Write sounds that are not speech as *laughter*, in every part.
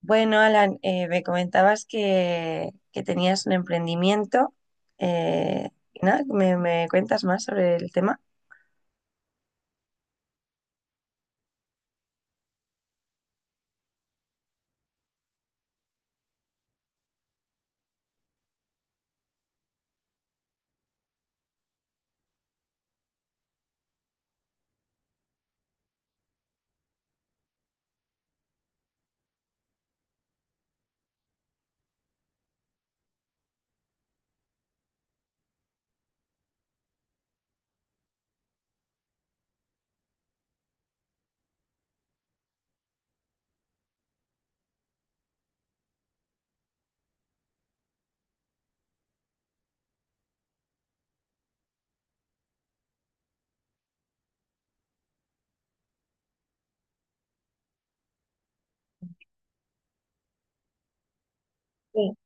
Bueno, Alan, me comentabas que tenías un emprendimiento. Y nada, me cuentas más sobre el tema? Sí,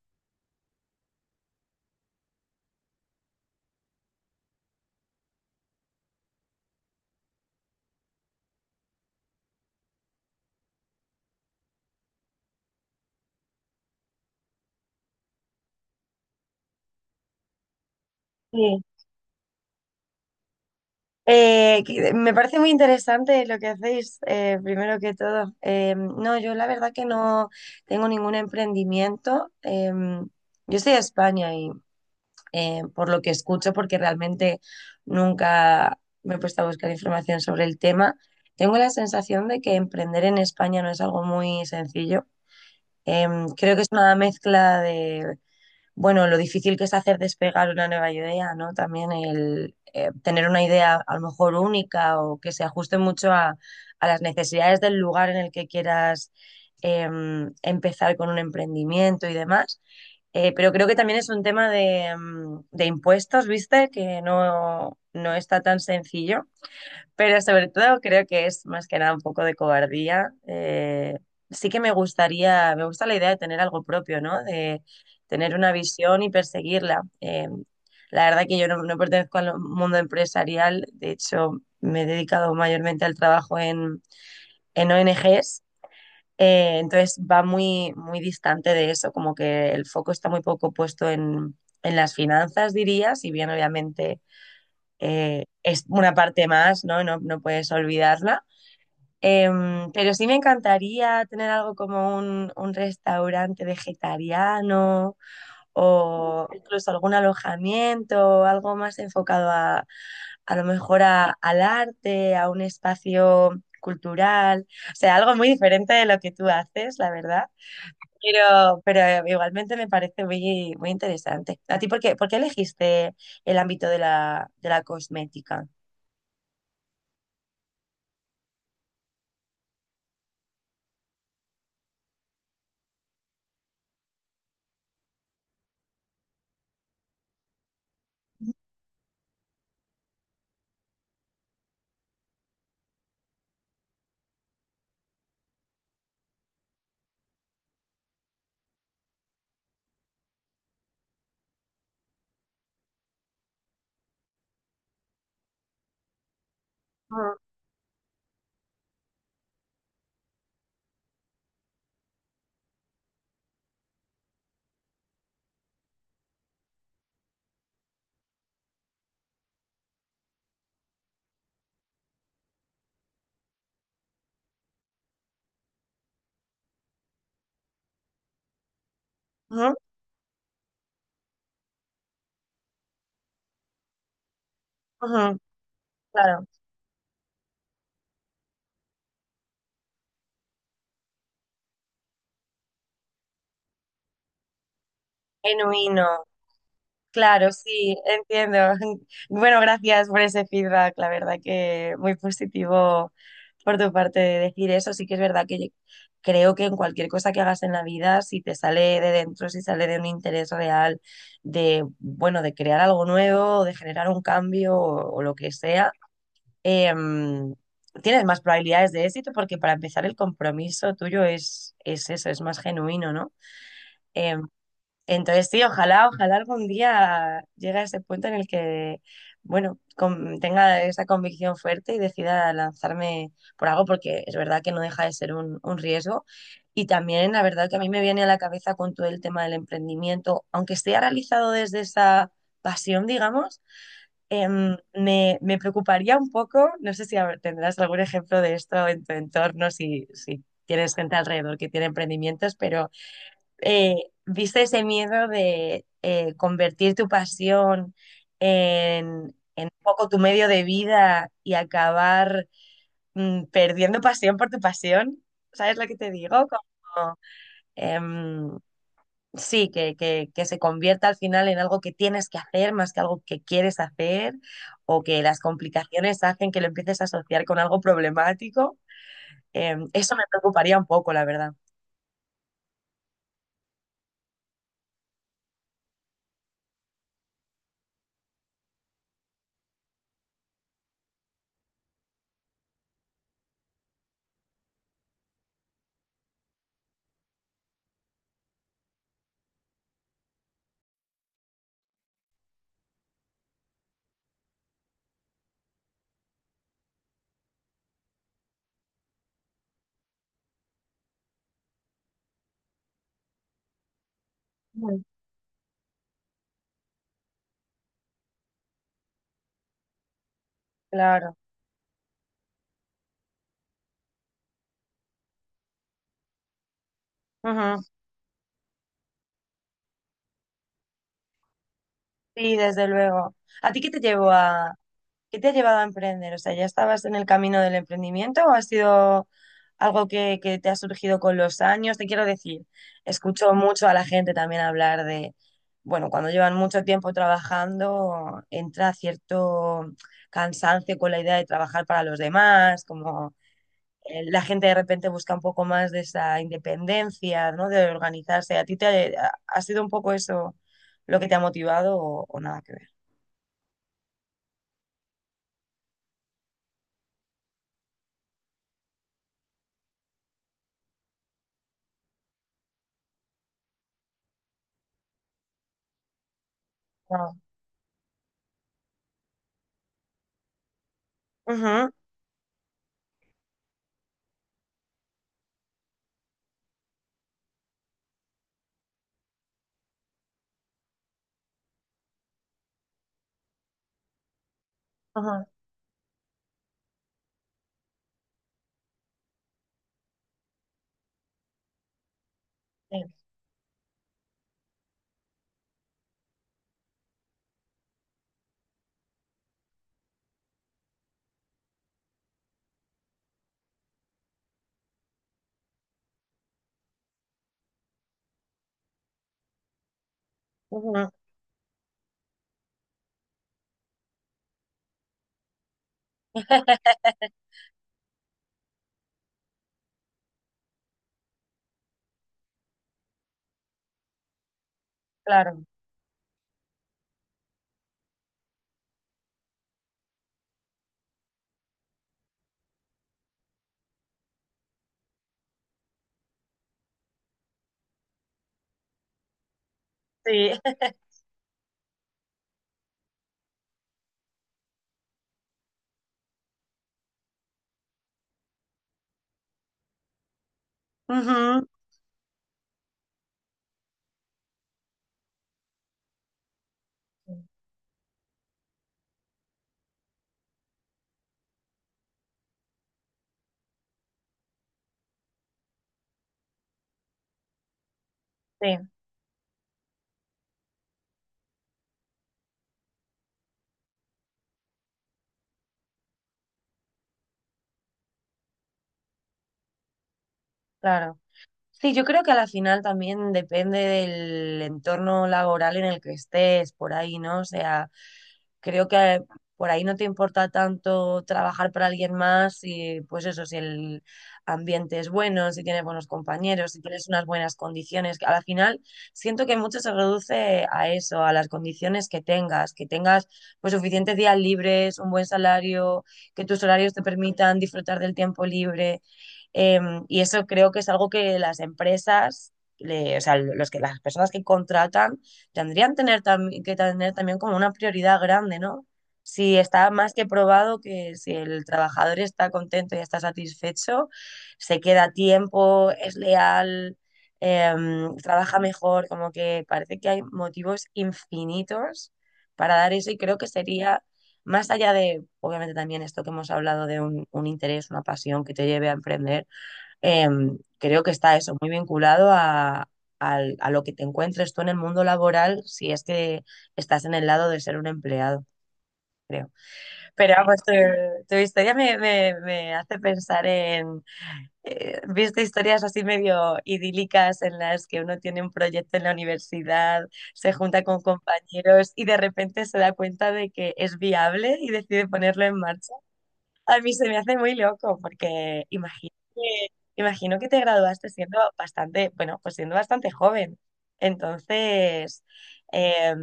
sí. Me parece muy interesante lo que hacéis, primero que todo. No, yo la verdad que no tengo ningún emprendimiento. Yo soy de España y por lo que escucho, porque realmente nunca me he puesto a buscar información sobre el tema, tengo la sensación de que emprender en España no es algo muy sencillo. Creo que es una mezcla de, bueno, lo difícil que es hacer despegar una nueva idea, ¿no? También el tener una idea a lo mejor única o que se ajuste mucho a las necesidades del lugar en el que quieras empezar con un emprendimiento y demás. Pero creo que también es un tema de, de impuestos, ¿viste? Que no está tan sencillo. Pero sobre todo creo que es más que nada un poco de cobardía. Sí que me gustaría, me gusta la idea de tener algo propio, ¿no? De tener una visión y perseguirla. La verdad que yo no pertenezco al mundo empresarial, de hecho me he dedicado mayormente al trabajo en ONGs, entonces va muy, muy distante de eso, como que el foco está muy poco puesto en las finanzas, diría, si bien obviamente es una parte más, ¿no? No puedes olvidarla. Pero sí me encantaría tener algo como un restaurante vegetariano o incluso algún alojamiento, algo más enfocado a lo mejor al arte, a un espacio cultural, o sea, algo muy diferente de lo que tú haces, la verdad. Pero igualmente me parece muy, muy interesante. ¿A ti por qué elegiste el ámbito de la cosmética? Ujú, ujú, ujú, claro, genuino. Claro, sí, entiendo. *laughs* Bueno, gracias por ese feedback, la verdad que muy positivo por tu parte de decir eso. Sí que es verdad que yo creo que en cualquier cosa que hagas en la vida, si te sale de dentro, si sale de un interés real de, bueno, de crear algo nuevo, o de generar un cambio o lo que sea, em, tienes más probabilidades de éxito porque para empezar el compromiso tuyo es eso, es más genuino, ¿no? Em, entonces, sí, ojalá, ojalá algún día llegue a ese punto en el que, bueno, tenga esa convicción fuerte y decida lanzarme por algo, porque es verdad que no deja de ser un riesgo. Y también, la verdad que a mí me viene a la cabeza con todo el tema del emprendimiento, aunque esté realizado desde esa pasión, digamos, me preocuparía un poco, no sé si tendrás algún ejemplo de esto en tu entorno, si tienes gente alrededor que tiene emprendimientos, eh, ¿viste ese miedo de convertir tu pasión en un poco tu medio de vida y acabar perdiendo pasión por tu pasión? ¿Sabes lo que te digo? Como, em, sí, que se convierta al final en algo que tienes que hacer más que algo que quieres hacer o que las complicaciones hacen que lo empieces a asociar con algo problemático. Eso me preocuparía un poco, la verdad. Mm. Claro. Ujú. Sí, desde luego. ¿A ti qué te llevó a, qué te ha llevado a emprender? O sea, ¿ya estabas en el camino del emprendimiento o ha sido algo que te ha surgido con los años? Te quiero decir, escucho mucho a la gente también hablar de, bueno, cuando llevan mucho tiempo trabajando, entra cierto cansancio con la idea de trabajar para los demás, como la gente de repente busca un poco más de esa independencia, ¿no? De organizarse. ¿A ti te ha sido un poco eso lo que te ha motivado o nada que ver? No. Ujú, ujú, sí. Ujú, claro. Sí. *laughs* Ujú, sí, claro. Sí, yo creo que a la final también depende del entorno laboral en el que estés, por ahí, ¿no? O sea, creo que por ahí no te importa tanto trabajar para alguien más y pues eso, si el ambiente es bueno, si tienes buenos compañeros, si tienes unas buenas condiciones, que a la final siento que mucho se reduce a eso, a las condiciones que tengas pues suficientes días libres, un buen salario, que tus horarios te permitan disfrutar del tiempo libre, eh, y eso creo que es algo que las empresas, o sea, las personas que contratan tendrían tener que tener también como una prioridad grande, ¿no? Si está más que probado que si el trabajador está contento y está satisfecho, se queda a tiempo, es leal, trabaja mejor, como que parece que hay motivos infinitos para dar eso y creo que sería más allá de, obviamente también esto que hemos hablado de un interés, una pasión que te lleve a emprender, creo que está eso muy vinculado a, a lo que te encuentres tú en el mundo laboral si es que estás en el lado de ser un empleado, creo. Pero vamos, tu historia me hace pensar en, viste historias así medio idílicas en las que uno tiene un proyecto en la universidad, se junta con compañeros y de repente se da cuenta de que es viable y decide ponerlo en marcha. A mí se me hace muy loco porque imagino que te graduaste siendo bastante, bueno, pues siendo bastante joven. Entonces, eh,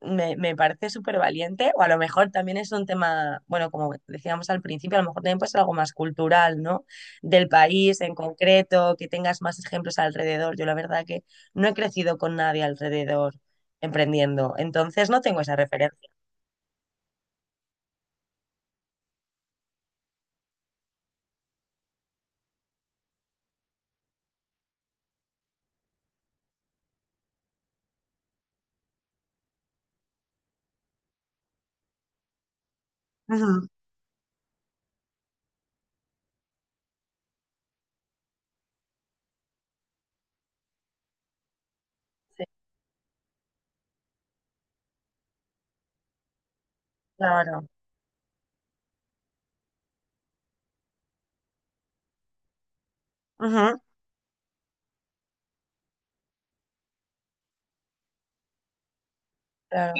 me parece súper valiente, o a lo mejor también es un tema, bueno, como decíamos al principio, a lo mejor también puede ser algo más cultural, ¿no? Del país en concreto, que tengas más ejemplos alrededor. Yo la verdad que no he crecido con nadie alrededor emprendiendo, entonces no tengo esa referencia. Ujú, sí, claro. Ujú, claro.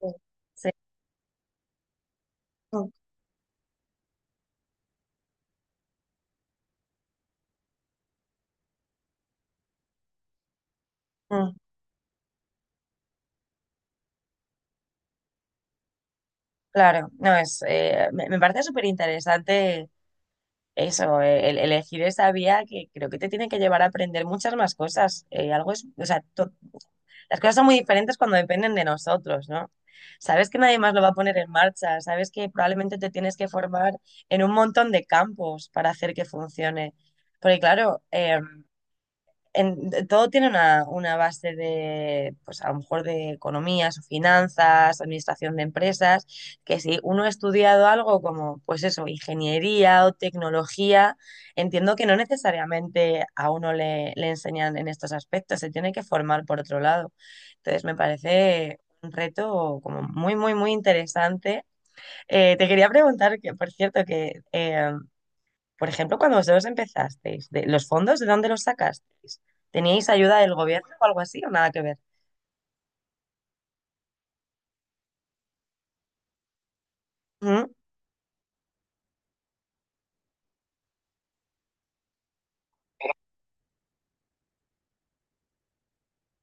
Sí. Sí. Mm. Mm. Claro, no es, me, me parece súper interesante eso, elegir esa vía que creo que te tiene que llevar a aprender muchas más cosas. O sea, las cosas son muy diferentes cuando dependen de nosotros, ¿no? Sabes que nadie más lo va a poner en marcha, sabes que probablemente te tienes que formar en un montón de campos para hacer que funcione. Porque claro, todo tiene una base de, pues a lo mejor de economías o finanzas, administración de empresas, que si uno ha estudiado algo como, pues eso, ingeniería o tecnología, entiendo que no necesariamente a uno le enseñan en estos aspectos, se tiene que formar por otro lado. Entonces me parece un reto como muy, muy, muy interesante. Te quería preguntar, que por cierto, que... por ejemplo, cuando vosotros empezasteis, de, ¿los fondos de dónde los sacasteis? ¿Teníais ayuda del gobierno o algo así o nada que ver? Ujú.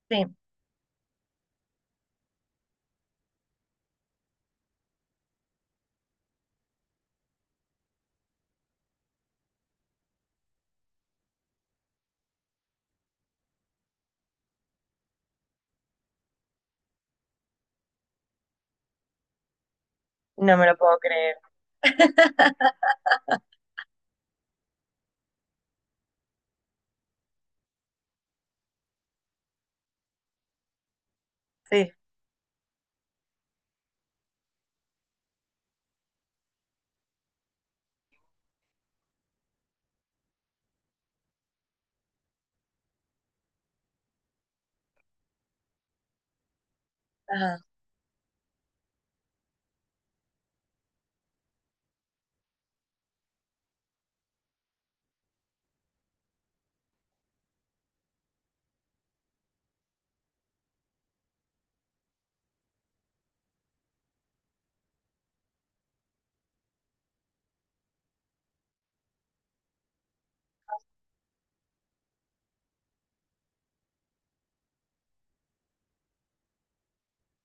Sí, no me lo puedo creer. Sí. Ajá.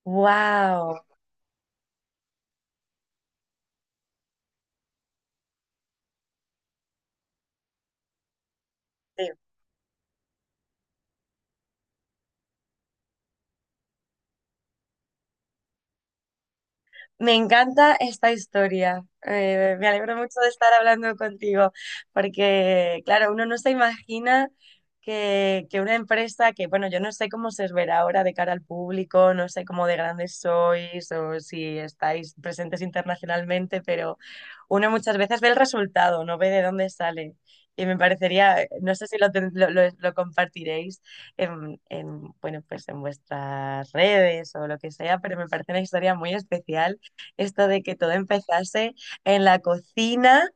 Wow. Me encanta esta historia. Me alegro mucho de estar hablando contigo, porque, claro, uno no se imagina que una empresa que, bueno, yo no sé cómo se os verá ahora de cara al público, no sé cómo de grandes sois o si estáis presentes internacionalmente, pero uno muchas veces ve el resultado, no ve de dónde sale. Y me parecería, no sé si lo, ten- lo compartiréis bueno, pues en vuestras redes o lo que sea, pero me parece una historia muy especial esto de que todo empezase en la cocina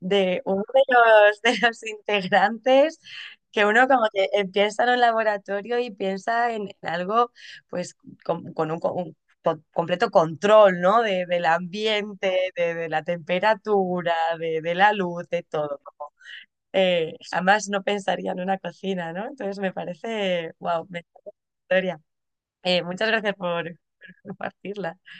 de uno de los, *laughs* de los integrantes, que uno como que piensa en un laboratorio y piensa en algo pues con, un completo control, ¿no? Del ambiente, de la temperatura, de la luz, de todo. Como, jamás no pensaría en una cocina, ¿no? Entonces me parece, wow, me encanta la historia. Muchas gracias por *laughs* por compartirla.